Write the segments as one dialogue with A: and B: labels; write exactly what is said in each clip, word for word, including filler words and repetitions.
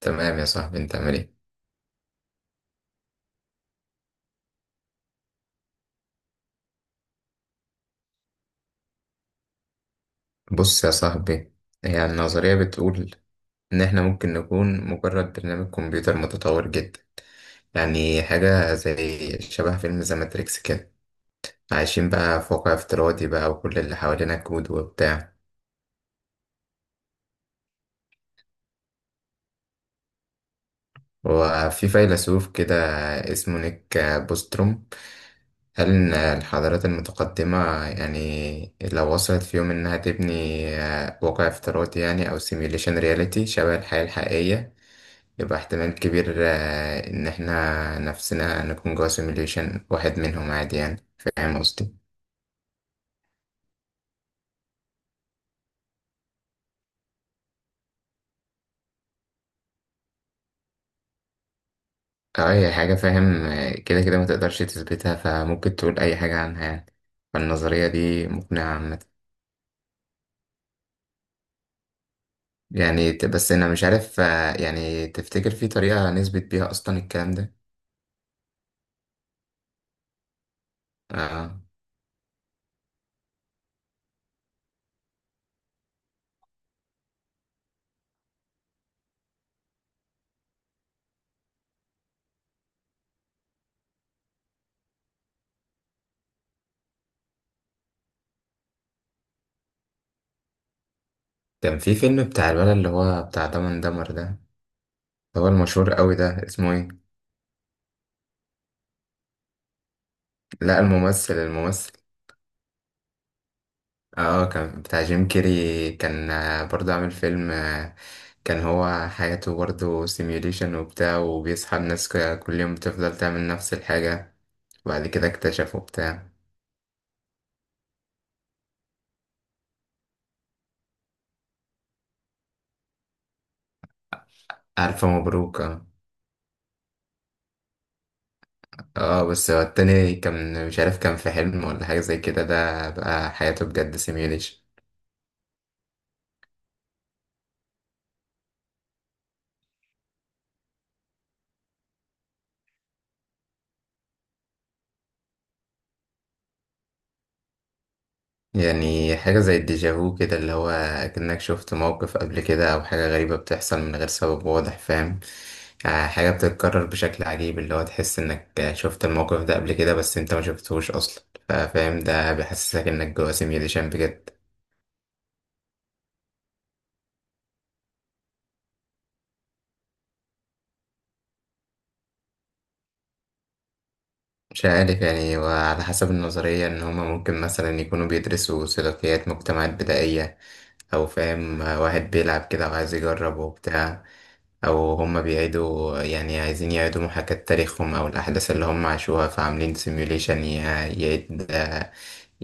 A: تمام يا صاحبي، انت عامل ايه؟ بص يا صاحبي، هي النظرية بتقول ان احنا ممكن نكون مجرد برنامج كمبيوتر متطور جدا. يعني حاجة زي شبه فيلم ذا ماتريكس كده، عايشين بقى في واقع افتراضي بقى وكل اللي حوالينا كود وبتاع. وفي فيلسوف كده اسمه نيك بوستروم، قال إن الحضارات المتقدمة يعني لو وصلت في يوم إنها تبني آه، واقع افتراضي يعني أو سيميوليشن رياليتي شبه الحياة الحقيقية، يبقى احتمال كبير آه، إن إحنا نفسنا نكون جوا سيميليشن واحد منهم عادي، يعني فاهم قصدي؟ أه، هي حاجة فاهم، آه، كده كده ما تقدرش تثبتها فممكن تقول أي حاجة عنها يعني. فالنظرية دي مقنعة عامة. يعني ت- بس أنا مش عارف، آه، يعني تفتكر في طريقة نثبت بيها أصلا الكلام ده؟ أه، كان في فيلم بتاع الولد اللي هو بتاع دمن دمر ده اللي هو المشهور قوي ده، اسمه إيه؟ لا، الممثل الممثل اه، آه، كان بتاع جيم كيري، كان آه، برضه عامل فيلم، آه، كان هو حياته برضه سيميوليشن وبتاع، وبيصحى الناس ك- كل يوم بتفضل تعمل نفس الحاجة، وبعد كده اكتشفوا بتاع. ألف مبروك، اه. آه، بس هو التاني كان مش عارف، كان في حلم ولا حاجة زي كده، ده بقى حياته بجد سيميوليشن. يعني حاجة زي الديجافو كده، اللي هو كأنك شفت موقف قبل كده أو حاجة غريبة بتحصل من غير سبب واضح، فاهم؟ آه، حاجة بتتكرر بشكل عجيب، اللي هو تحس إنك شفت الموقف ده قبل كده بس أنت ما شفتهوش أصلا، فا- فاهم؟ ده بيحسسك إنك جوه سيميوليشن بجد. مش عارف يعني، وعلى حسب النظرية إن هما ممكن مثلا يكونوا بيدرسوا سلوكيات مجتمعات بدائية، أو فاهم، آه، واحد بيلعب كده وعايز يجرب وبتاع، او هم بيعيدوا يعني عايزين يعيدوا محاكاة تاريخهم او الاحداث اللي هم عاشوها، فعاملين سيميوليشن يعيد، آه،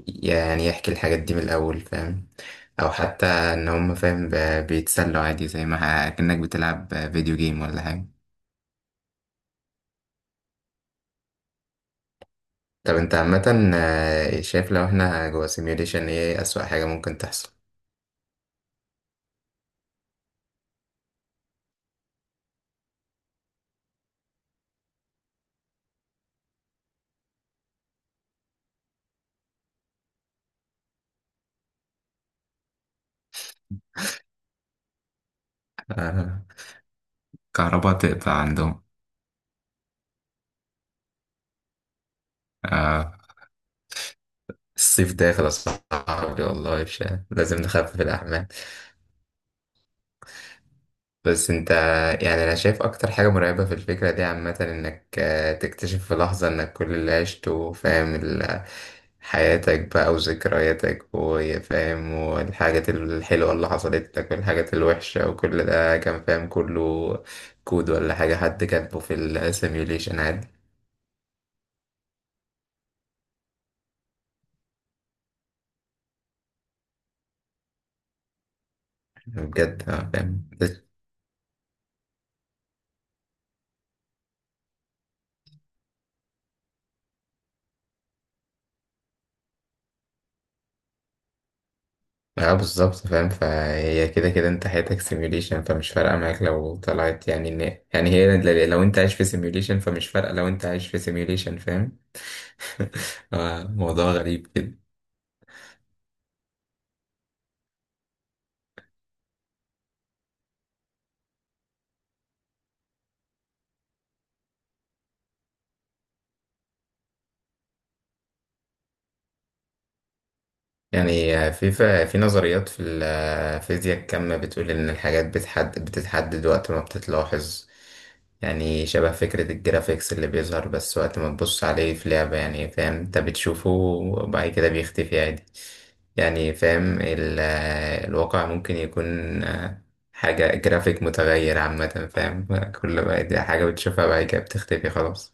A: يعني يحكي الحاجات دي من الاول، فاهم؟ او حتى ان هم فاهم ب- بيتسلوا عادي زي ما كأنك بتلعب فيديو جيم ولا حاجة. طب انت عامة، آه، شايف لو احنا جوا سيميوليشن ايه اسوأ حاجة ممكن تحصل؟ آه، كهرباء تقطع عندهم. آه، الصيف داخل يا صاحبي، والله مش لازم نخفف الأحمال. بس انت، يعني انا شايف اكتر حاجة مرعبة في الفكرة دي عامة، انك آه، تكتشف في لحظة انك كل اللي عشته فاهم، ال- حياتك بقى وذكرياتك وفاهم، والحاجات الحلوة اللي حصلت لك والحاجات الوحشة وكل ده كان فاهم كله كود ولا حاجة، حد كاتبه في السيميوليشن عادي. بجد، آه، فاهم. اه بالظبط، فاهم. فهي كده كده انت حياتك سيميوليشن، فمش فارقة معاك لو طلعت يعني ان، يعني هي ل- لو انت عايش في سيميوليشن فمش فارقة لو انت عايش في سيميوليشن، فاهم؟ آه، موضوع غريب كده. يعني آه، في ف- في نظريات في الفيزياء الكم بتقول إن الحاجات بتحدد بتتحدد وقت ما بتتلاحظ، يعني شبه فكرة الجرافيكس اللي بيظهر بس وقت ما تبص عليه في لعبة، يعني فاهم أنت بتشوفه وبعد كده بيختفي عادي. يعني فاهم، ال- الواقع ممكن يكون آه، حاجة جرافيك متغير عامة، فاهم؟ كل ما دي حاجة بتشوفها بعد كده بتختفي خلاص.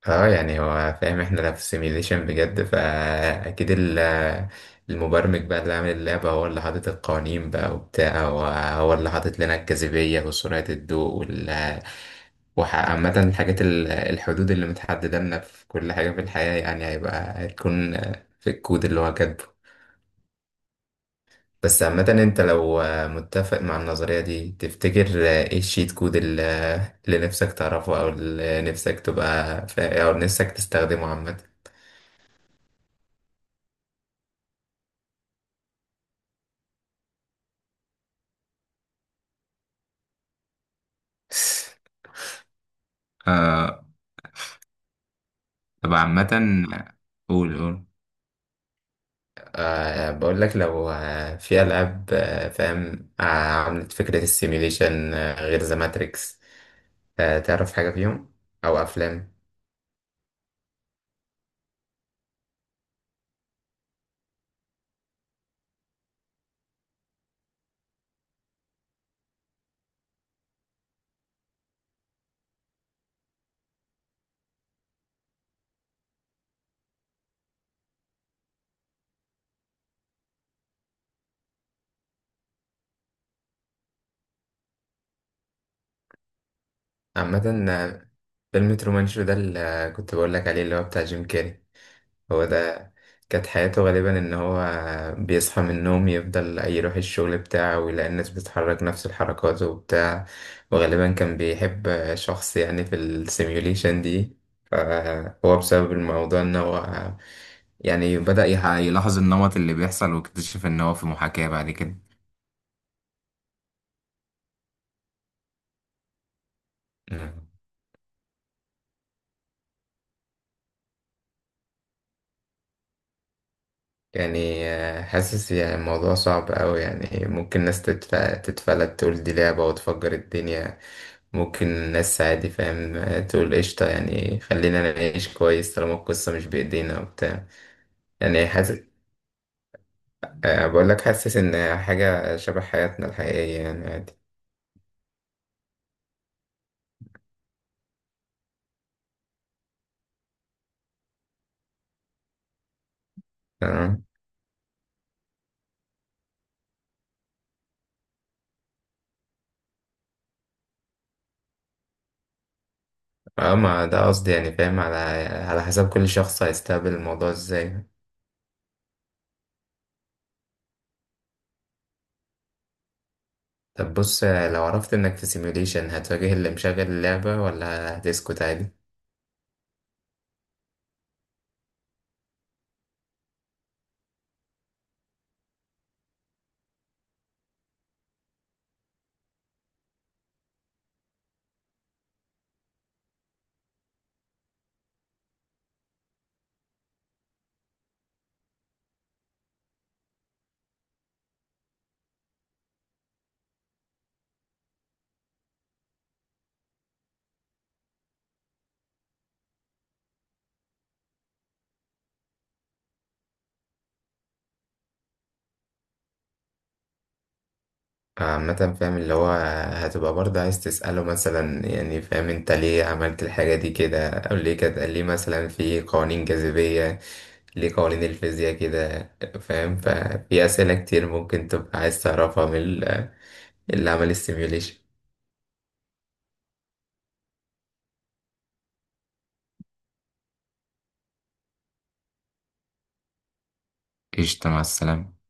A: اه يعني هو فاهم احنا لا في سيميليشن بجد، فاكيد ال- المبرمج بقى اللي عامل اللعبة هو اللي حاطط القوانين بقى وبتاع، وهو اللي حاطط لنا الجاذبية وسرعة الضوء وال، وعامة الحاجات ال- الحدود اللي متحددة لنا في كل حاجة في الحياة، يعني هيبقى هتكون في الكود اللي هو كاتبه. بس عامة انت لو متفق مع النظرية دي، تفتكر ايه الشيت كود اللي اللي نفسك تعرفه او اللي نفسك تبقى فا- او نفسك تستخدمه عامة؟ آه، طب عامة، قول قول أه، بقول لك لو آه، في ألعاب آه، فاهم آه، عملت فكرة السيميليشن، آه، غير ذا ماتريكس، آه، تعرف حاجة فيهم أو أفلام؟ عامة آه، فيلم ترومان شو ده، اللي آه، كنت بقول لك عليه اللي هو بتاع جيم كاري، هو ده. كانت حياته غالبا ان هو بيصحى من النوم يفضل يروح الشغل بتاعه ويلاقي الناس بتتحرك نفس الحركات وبتاع، وغالبا كان بيحب شخص يعني في السيميوليشن دي، فهو بسبب الموضوع ان هو يعني بدأ يح- يلاحظ النمط اللي بيحصل واكتشف ان هو في محاكاة بعد كده. مم. يعني آه، حاسس يعني الموضوع صعب أوي، يعني ممكن ناس تتف- تتفلت تقول دي لعبة وتفجر الدنيا، ممكن الناس عادي فاهم تقول قشطة يعني خلينا نعيش كويس طالما القصة مش بإيدينا وبتاع. يعني حاسس، آه، بقول لك حاسس إن حاجة شبه حياتنا الحقيقية يعني عادي. تمام. اه ما ده قصدي يعني، فاهم على على حسب كل شخص هيستقبل الموضوع ازاي. طب بص، آه، لو عرفت انك في سيميوليشن، هتواجه اللي مشغل اللعبة ولا هتسكت عادي؟ عامة فاهم اللي هو هتبقى برضه عايز تسأله مثلا، يعني فاهم انت ليه عملت الحاجة دي كده، او ليه كده، ليه مثلا في قوانين جاذبية، ليه قوانين الفيزياء كده؟ فاهم؟ ففي أسئلة كتير ممكن تبقى عايز تعرفها من ال- اللي عمل السيميوليشن. قشطة، مع السلامة.